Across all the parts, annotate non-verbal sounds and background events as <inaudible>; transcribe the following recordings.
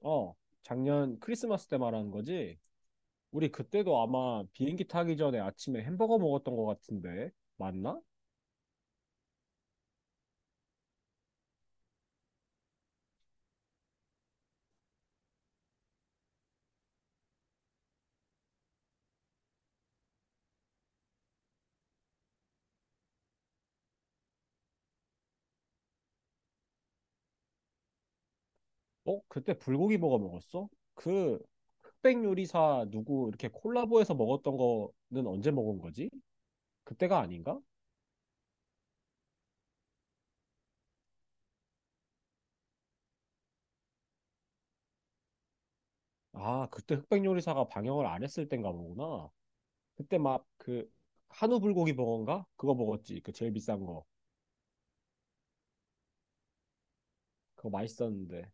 어, 작년 크리스마스 때 말하는 거지? 우리 그때도 아마 비행기 타기 전에 아침에 햄버거 먹었던 것 같은데, 맞나? 어, 그때 불고기 버거 먹었어? 그 흑백 요리사 누구 이렇게 콜라보해서 먹었던 거는 언제 먹은 거지? 그때가 아닌가? 아, 그때 흑백 요리사가 방영을 안 했을 땐가 보구나. 그때 막 그 한우 불고기 버거인가? 그거 먹었지. 그 제일 비싼 거. 그거 맛있었는데.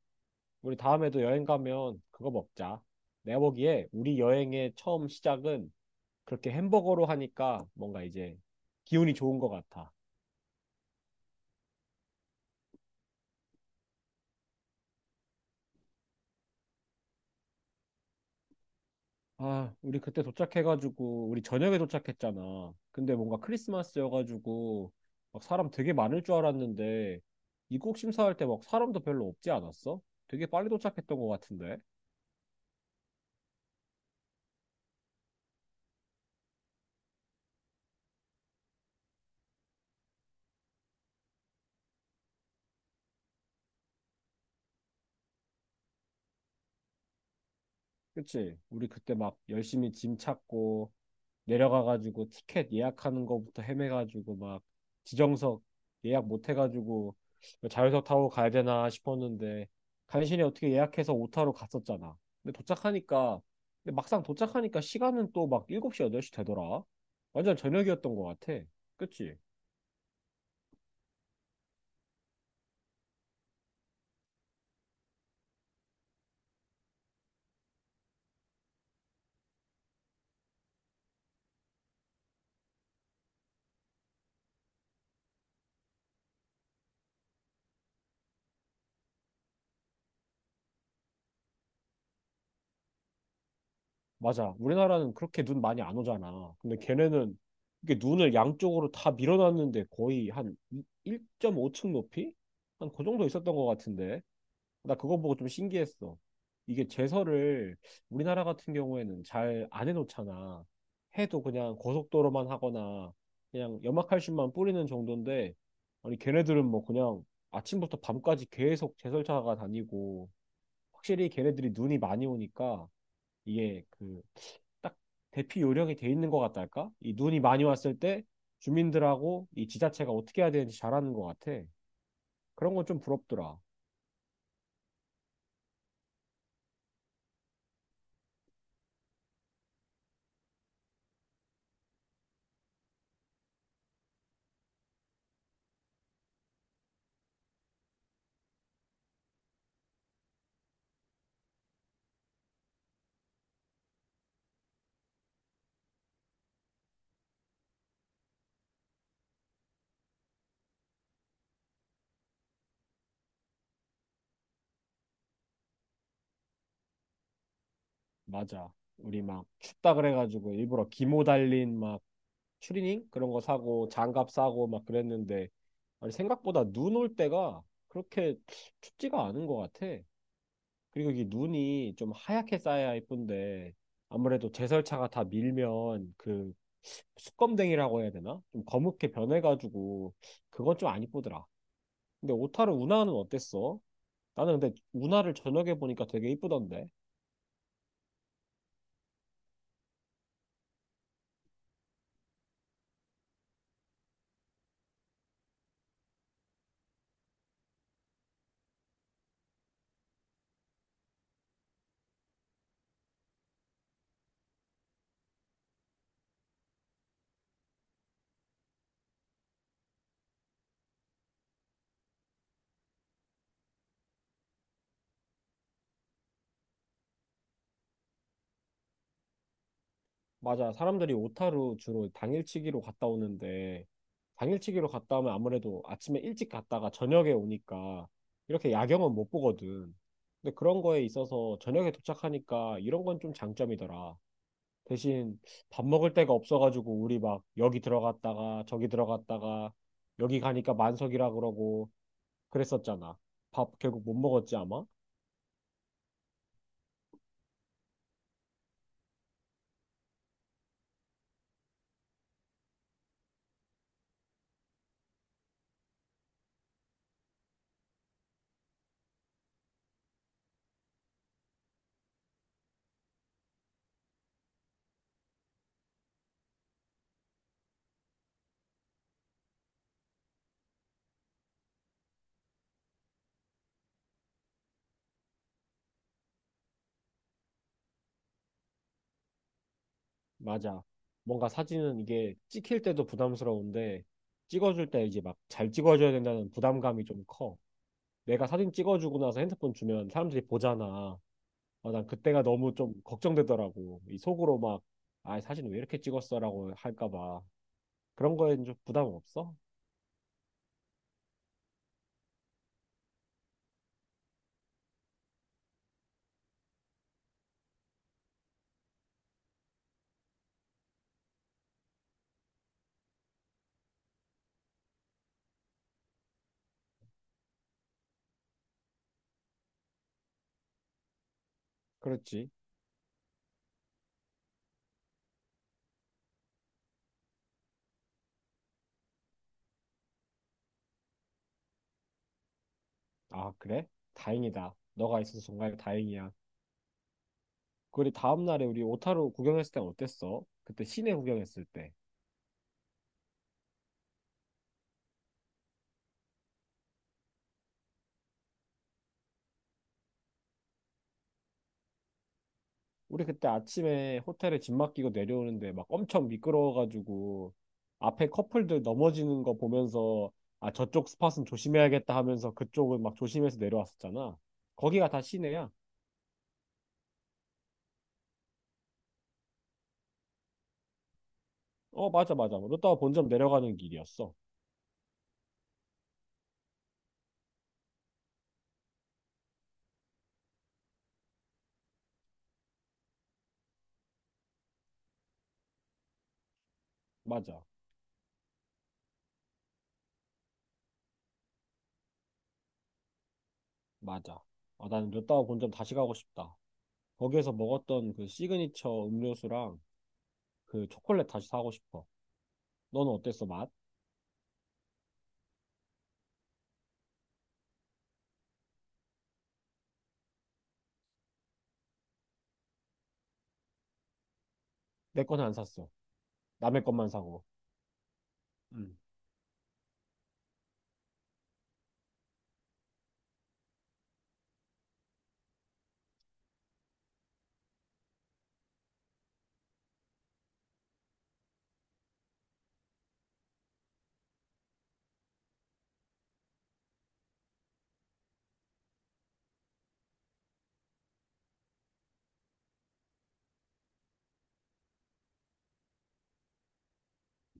우리 다음에도 여행 가면 그거 먹자. 내가 보기에 우리 여행의 처음 시작은 그렇게 햄버거로 하니까 뭔가 이제 기운이 좋은 것 같아. 아, 우리 그때 도착해가지고 우리 저녁에 도착했잖아. 근데 뭔가 크리스마스여가지고 막 사람 되게 많을 줄 알았는데 입국 심사할 때 막 사람도 별로 없지 않았어? 되게 빨리 도착했던 것 같은데. 그치? 우리 그때 막 열심히 짐 찾고 내려가가지고 티켓 예약하는 거부터 헤매가지고 막 지정석 예약 못 해가지고 자유석 타고 가야 되나 싶었는데 간신히 어떻게 예약해서 오타로 갔었잖아. 근데 도착하니까 근데 막상 도착하니까 시간은 또 막 7시, 8시 되더라. 완전 저녁이었던 것 같아. 그치? 맞아. 우리나라는 그렇게 눈 많이 안 오잖아. 근데 걔네는 이게 눈을 양쪽으로 다 밀어놨는데 거의 한 1.5층 높이? 한 그 정도 있었던 것 같은데. 나 그거 보고 좀 신기했어. 이게 제설을 우리나라 같은 경우에는 잘 안 해놓잖아. 해도 그냥 고속도로만 하거나 그냥 염화칼슘만 뿌리는 정도인데 아니 걔네들은 뭐 그냥 아침부터 밤까지 계속 제설차가 다니고 확실히 걔네들이 눈이 많이 오니까 이게 그 딱 대피 요령이 돼 있는 것 같달까? 이 눈이 많이 왔을 때 주민들하고 이 지자체가 어떻게 해야 되는지 잘하는 것 같아. 그런 건 좀 부럽더라. 맞아. 우리 막 춥다 그래가지고 일부러 기모 달린 막 추리닝 그런 거 사고 장갑 사고 막 그랬는데 아니 생각보다 눈 올 때가 그렇게 춥지가 않은 것 같아. 그리고 이 눈이 좀 하얗게 쌓여야 예쁜데 아무래도 제설차가 다 밀면 그 수검댕이라고 해야 되나? 좀 검게 변해가지고 그건 좀 안 이쁘더라. 근데 오타루 운하는 어땠어? 나는 근데 운하를 저녁에 보니까 되게 이쁘던데. 맞아. 사람들이 오타루 주로 당일치기로 갔다 오는데, 당일치기로 갔다 오면 아무래도 아침에 일찍 갔다가 저녁에 오니까 이렇게 야경은 못 보거든. 근데 그런 거에 있어서 저녁에 도착하니까 이런 건 좀 장점이더라. 대신 밥 먹을 데가 없어가지고 우리 막 여기 들어갔다가 저기 들어갔다가 여기 가니까 만석이라 그러고 그랬었잖아. 밥 결국 못 먹었지 아마? 맞아. 뭔가 사진은 이게 찍힐 때도 부담스러운데 찍어줄 때 이제 막 잘 찍어줘야 된다는 부담감이 좀 커. 내가 사진 찍어주고 나서 핸드폰 주면 사람들이 보잖아. 어, 난 그때가 너무 좀 걱정되더라고. 이 속으로 막, 아, 사진 왜 이렇게 찍었어라고 할까 봐. 그런 거엔 좀 부담 없어? 그렇지. 아, 그래? 다행이다. 너가 있어서 정말 다행이야. 그리 다음 날에 우리 오타루 구경했을 땐 어땠어? 그때 시내 구경했을 때. 우리 그때 아침에 호텔에 짐 맡기고 내려오는데 막 엄청 미끄러워가지고 앞에 커플들 넘어지는 거 보면서 아 저쪽 스팟은 조심해야겠다 하면서 그쪽은 막 조심해서 내려왔었잖아. 거기가 다 시내야. 어, 맞아, 맞아. 롯다워 본점 내려가는 길이었어. 맞아, 맞아. 아, 나는 롯다워 본점 다시 가고 싶다. 거기에서 먹었던 그 시그니처 음료수랑 그 초콜릿 다시 사고 싶어. 너는 어땠어 맛? 내 거는 안 샀어. 남의 것만 사고.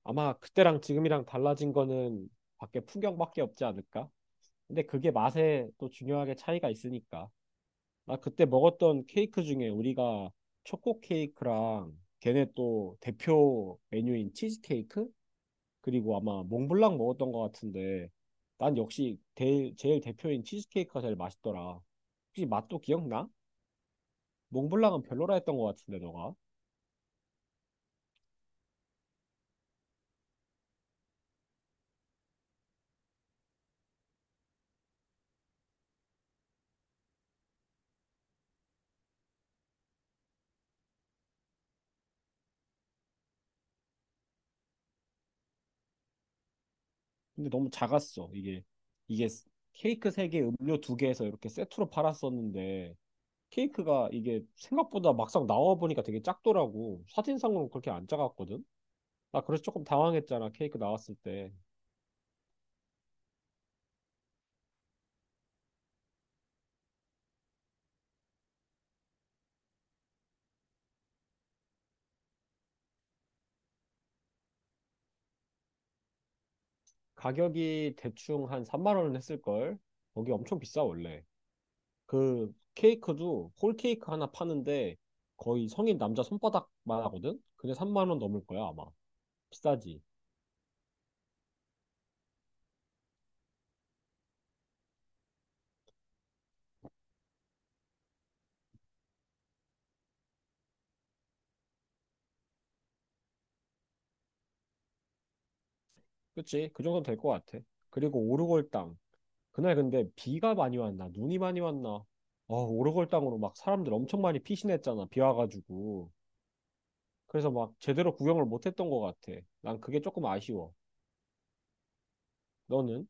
아마 그때랑 지금이랑 달라진 거는 밖에 풍경밖에 없지 않을까? 근데 그게 맛에 또 중요하게 차이가 있으니까. 나 그때 먹었던 케이크 중에 우리가 초코 케이크랑 걔네 또 대표 메뉴인 치즈 케이크? 그리고 아마 몽블랑 먹었던 것 같은데 난 역시 제일 대표인 치즈 케이크가 제일 맛있더라. 혹시 맛도 기억나? 몽블랑은 별로라 했던 것 같은데 너가? 근데 너무 작았어. 이게 케이크 세개 음료 두개에서 이렇게 세트로 팔았었는데 케이크가 이게 생각보다 막상 나와 보니까 되게 작더라고. 사진상으로 그렇게 안 작았거든. 나 그래서 조금 당황했잖아. 케이크 나왔을 때. 가격이 대충 한 3만 원은 했을 걸. 거기 엄청 비싸 원래. 그 케이크도 홀 케이크 하나 파는데 거의 성인 남자 손바닥만 하거든. 근데 3만 원 넘을 거야, 아마. 비싸지. 그치? 그 정도는 될 것 같아. 그리고 오르골당. 그날 근데 비가 많이 왔나 눈이 많이 왔나 어, 오르골 땅으로 막 사람들 엄청 많이 피신했잖아 비 와가지고. 그래서 막 제대로 구경을 못했던 것 같아. 난 그게 조금 아쉬워. 너는?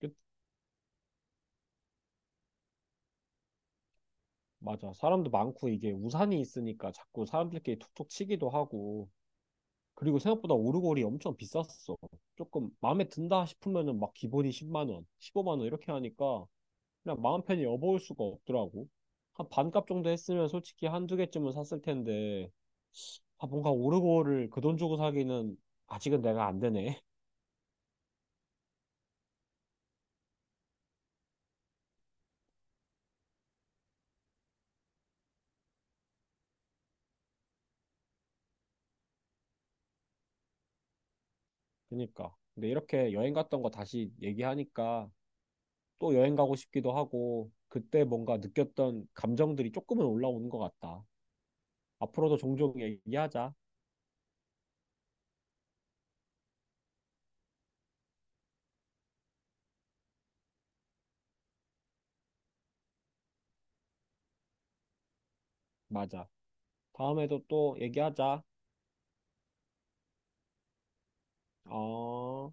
끝- 맞아, 사람도 많고 이게 우산이 있으니까 자꾸 사람들끼리 툭툭 치기도 하고 그리고 생각보다 오르골이 엄청 비쌌어. 조금 마음에 든다 싶으면은 막 기본이 10만 원 15만 원 이렇게 하니까 그냥 마음 편히 여보일 수가 없더라고. 한 반값 정도 했으면 솔직히 한 두 개쯤은 샀을 텐데. 아, 뭔가 오르고를 그 돈 주고 사기는 아직은 내가 안 되네. <laughs> 그러니까. 근데 이렇게 여행 갔던 거 다시 얘기하니까 또 여행 가고 싶기도 하고 그때 뭔가 느꼈던 감정들이 조금은 올라오는 것 같다. 앞으로도 종종 얘기하자. 맞아. 다음에도 또 얘기하자. 어...